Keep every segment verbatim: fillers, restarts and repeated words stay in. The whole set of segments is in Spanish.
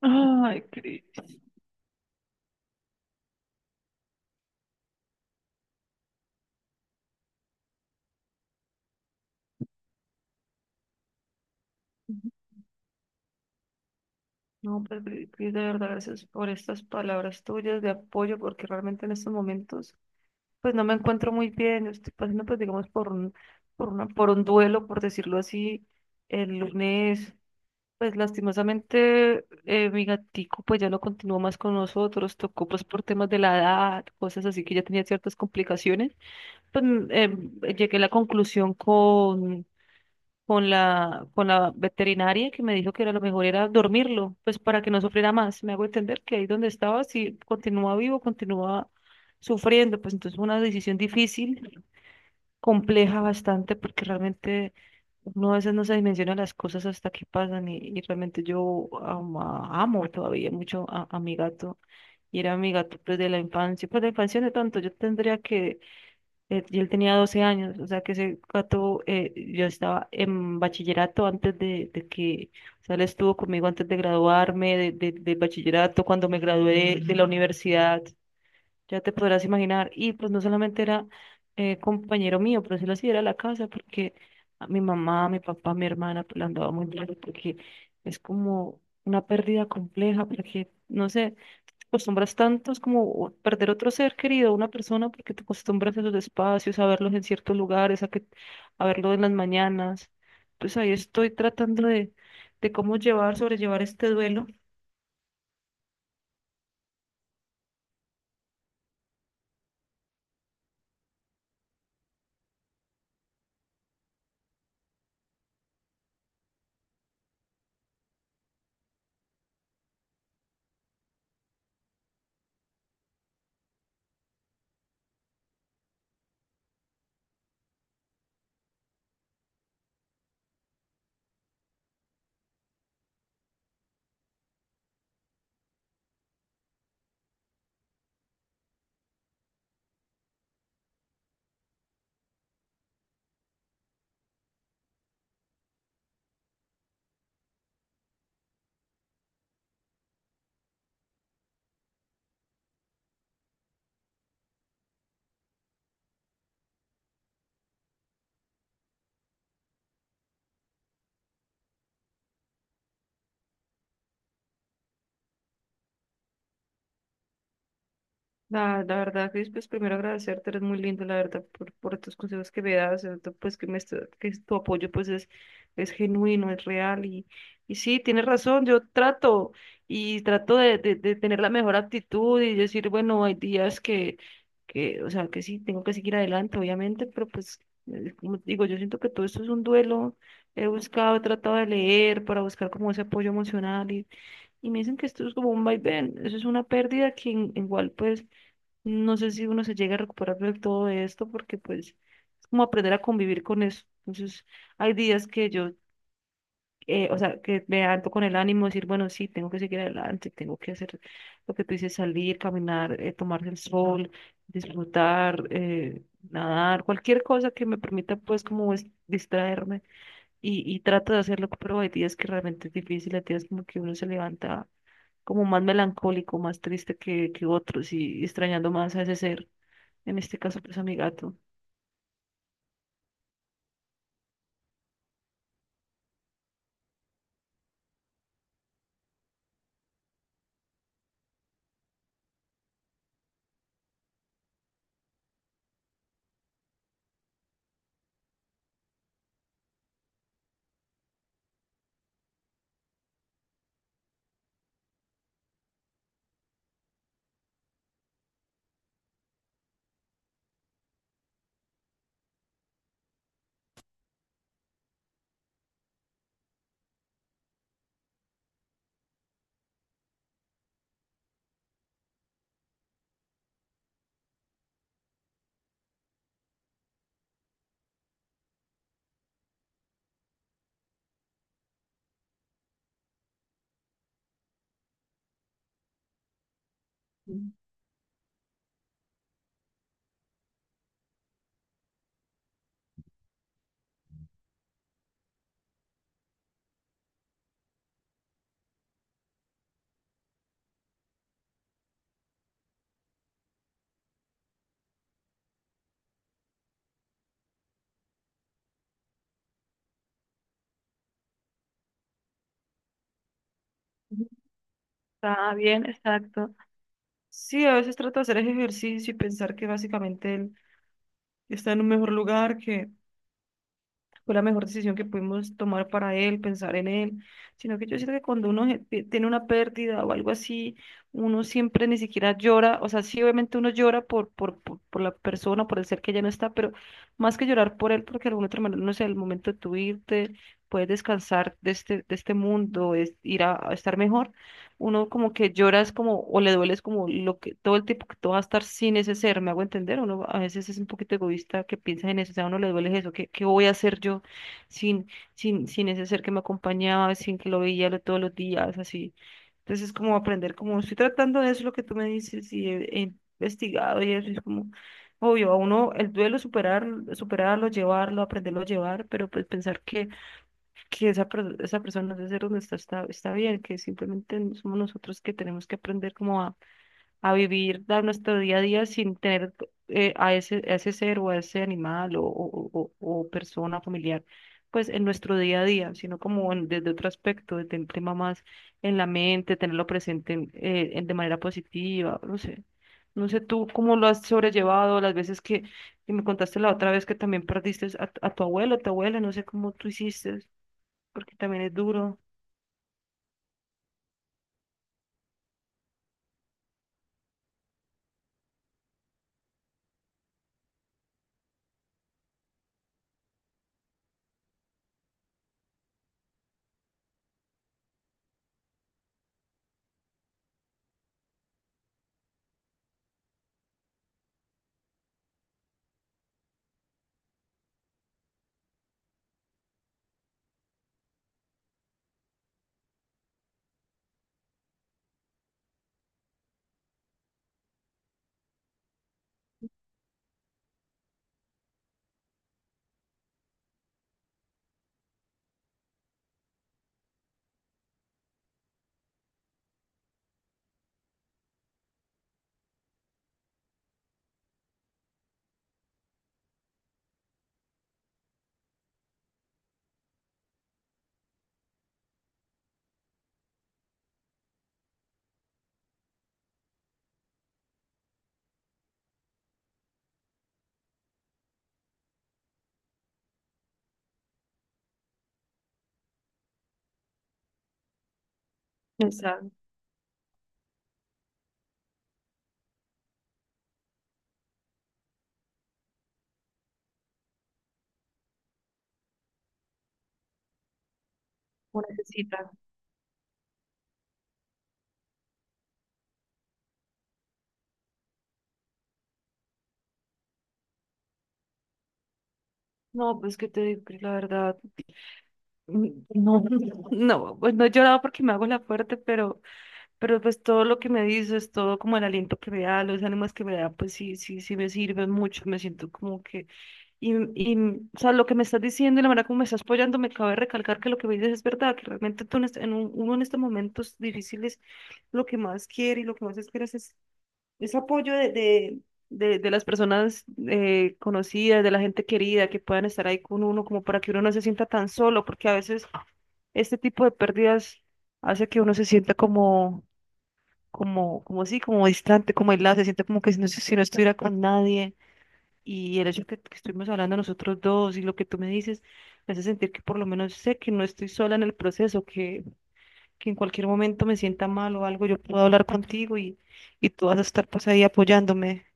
Ay, Cris. No, pues, Cris, Cris, de verdad, gracias por estas palabras tuyas de apoyo, porque realmente en estos momentos, pues no me encuentro muy bien. Yo Estoy pasando, pues, digamos, por un, por una, por un duelo, por decirlo así. El lunes, pues, lastimosamente, eh, mi gatico, pues, ya no continuó más con nosotros. Tocó, pues, por temas de la edad, cosas así que ya tenía ciertas complicaciones. Pues, mm, em, llegué a la conclusión con con la, con la veterinaria que me dijo que era lo mejor era dormirlo, pues para que no sufriera más. Me hago entender que ahí donde estaba, si continuaba vivo, continuaba sufriendo. Pues entonces fue una decisión difícil, compleja bastante, porque realmente uno a veces no se dimensiona las cosas hasta que pasan y, y realmente yo am- amo todavía mucho a, a mi gato. Y era mi gato pues de la infancia, pues de la infancia no tanto, yo tendría que eh, yo él tenía doce años, o sea que ese gato, eh, yo estaba en bachillerato antes de, de que, o sea, él estuvo conmigo antes de graduarme, de, de, del bachillerato, cuando me gradué de, de la universidad, ya te podrás imaginar. Y pues no solamente era eh, compañero mío, por decirlo así, era la casa, porque a mi mamá, mi papá, mi hermana, pues la andaba muy bien, porque es como una pérdida compleja, porque, no sé acostumbras tanto, es como perder otro ser querido, una persona, porque te acostumbras a sus espacios, a verlos en ciertos lugares, a que, a verlo en las mañanas. Pues ahí estoy tratando de, de cómo llevar, sobrellevar este duelo. La, la verdad, Cris, pues primero agradecerte, eres muy lindo, la verdad, por, por tus consejos que me das, sobre todo, pues que, me, est- que tu apoyo pues es, es genuino, es real y, y sí, tienes razón, yo trato y trato de, de, de tener la mejor actitud y decir, bueno, hay días que, que, o sea, que sí, tengo que seguir adelante, obviamente, pero pues, eh, como te digo, yo siento que todo esto es un duelo, he buscado, he tratado de leer para buscar como ese apoyo emocional y, y me dicen que esto es como un vaivén, eso es una pérdida que en- igual pues no sé si uno se llega a recuperar de todo esto porque pues es como aprender a convivir con eso. Entonces hay días que yo, eh, o sea, que me alto con el ánimo, decir, bueno, sí, tengo que seguir adelante, tengo que hacer lo que tú dices, salir, caminar, eh, tomarse el sol, disfrutar, eh, nadar, cualquier cosa que me permita pues como es- distraerme y, y trato de hacerlo, pero hay días que realmente es difícil, hay días como que uno se levanta como más melancólico, más triste que, que otros y y extrañando más a ese ser, en este caso pues a mi gato. Ujú. Está bien, exacto. Sí, a veces trato de hacer ese ejercicio y pensar que básicamente él está en un mejor lugar, que fue la mejor decisión que pudimos tomar para él, pensar en él, sino que yo siento que cuando uno je- tiene una pérdida o algo así, uno siempre ni siquiera llora, o sea, sí, obviamente uno llora por, por, por, por la persona, por el ser que ya no está, pero más que llorar por él, porque de alguna otra manera, no sé, el momento de tu irte, puedes descansar de este, de este mundo, es ir a a estar mejor uno como que lloras como o le dueles como lo que todo el tiempo que tú vas a estar sin ese ser, ¿me hago entender? Uno a veces es un poquito egoísta que piensa en eso, o sea, a uno le duele eso, ¿qué, qué voy a hacer yo sin, sin, sin ese ser que me acompañaba, sin que lo veía lo- todos los días, así? Entonces es como aprender, como estoy tratando de eso, lo que tú me dices y he, he investigado y eso es como... Obvio, a uno el duelo superar, superarlo, llevarlo, aprenderlo a llevar, pero pues pensar que que esa, per- esa persona de ser donde está, está está bien, que simplemente somos nosotros que tenemos que aprender como a, a vivir dar nuestro día a día sin tener eh, a ese, a ese ser o a ese animal o, o, o, o persona familiar, pues en nuestro día a día, sino como en- desde otro aspecto, desde el tema más en la mente, tenerlo presente en- eh, en- de manera positiva, no sé. No sé tú cómo lo has sobrellevado, las veces que, que me contaste la otra vez que también perdiste a, a tu abuelo, tu abuela, no sé cómo tú hiciste porque también es duro. Exacto. Lo necesita. No, pues que te digo, Cris, la verdad, mm, no, no, pues no he llorado porque me hago la fuerte, pero, pero pues todo lo que me dices, todo como el aliento que me da, los ánimos que me da, pues sí, sí, sí me sirven mucho, me siento como que, y, y, o sea, lo que me estás diciendo y la manera como me estás apoyando, me cabe recalcar que lo que me dices es verdad, que realmente tú en este- en un- uno en estos momentos difíciles, lo que más quiere y lo que más esperas es Es apoyo de, de, de, de las personas eh, conocidas, de la gente querida, que puedan estar ahí con uno, como para que uno no se sienta tan solo, porque a veces este tipo de pérdidas hace que uno se sienta como, como, como así, como distante, como aislado, se siente como que si no, si no estuviera con nadie. Y el hecho que, que estuvimos hablando nosotros dos y lo que tú me dices, me hace sentir que por lo menos sé que no estoy sola en el proceso, que, que en cualquier momento me sienta mal o algo, yo puedo hablar contigo y, y tú vas a estar pues ahí apoyándome.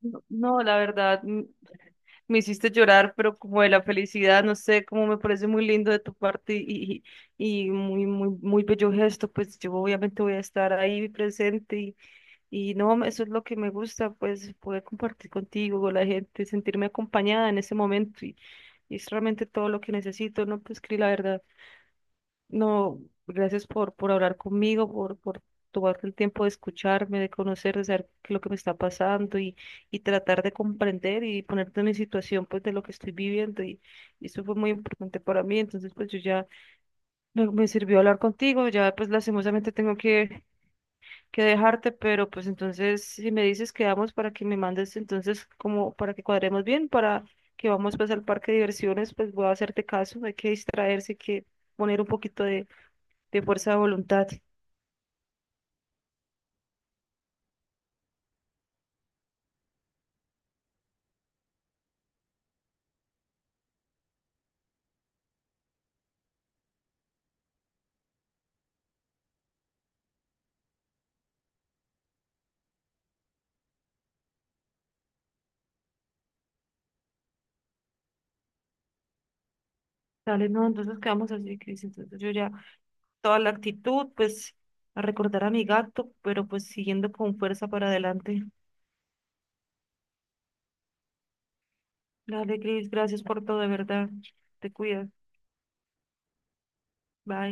No, no, la verdad, mm, me hiciste llorar, pero como de la felicidad, no sé, como me parece muy lindo de tu parte y, y, y muy, muy, muy bello gesto, pues yo obviamente voy a estar ahí presente y, y no, eso es lo que me gusta, pues poder compartir contigo, con la gente, sentirme acompañada en ese momento y, y es realmente todo lo que necesito, ¿no? Pues Cris, la verdad. No, gracias por, por hablar conmigo, por, por tomarte el tiempo de escucharme, de conocer, de saber qué es lo que me está pasando y, y tratar de comprender y ponerte en mi situación pues de lo que estoy viviendo y, y eso fue muy importante para mí. Entonces pues yo ya me, me sirvió hablar contigo, ya pues lastimosamente tengo que, que dejarte, pero pues entonces si me dices quedamos para que me mandes entonces como para que cuadremos bien, para que vamos pues al parque de diversiones, pues voy a hacerte caso, hay que distraerse, hay que poner un poquito de fuerza de voluntad. Dale, no, entonces quedamos así, Cris. Entonces yo ya, toda la actitud, pues, a recordar a mi gato, pero pues siguiendo con fuerza para adelante. Dale, Cris, gracias por todo, de verdad. Te cuidas. Bye.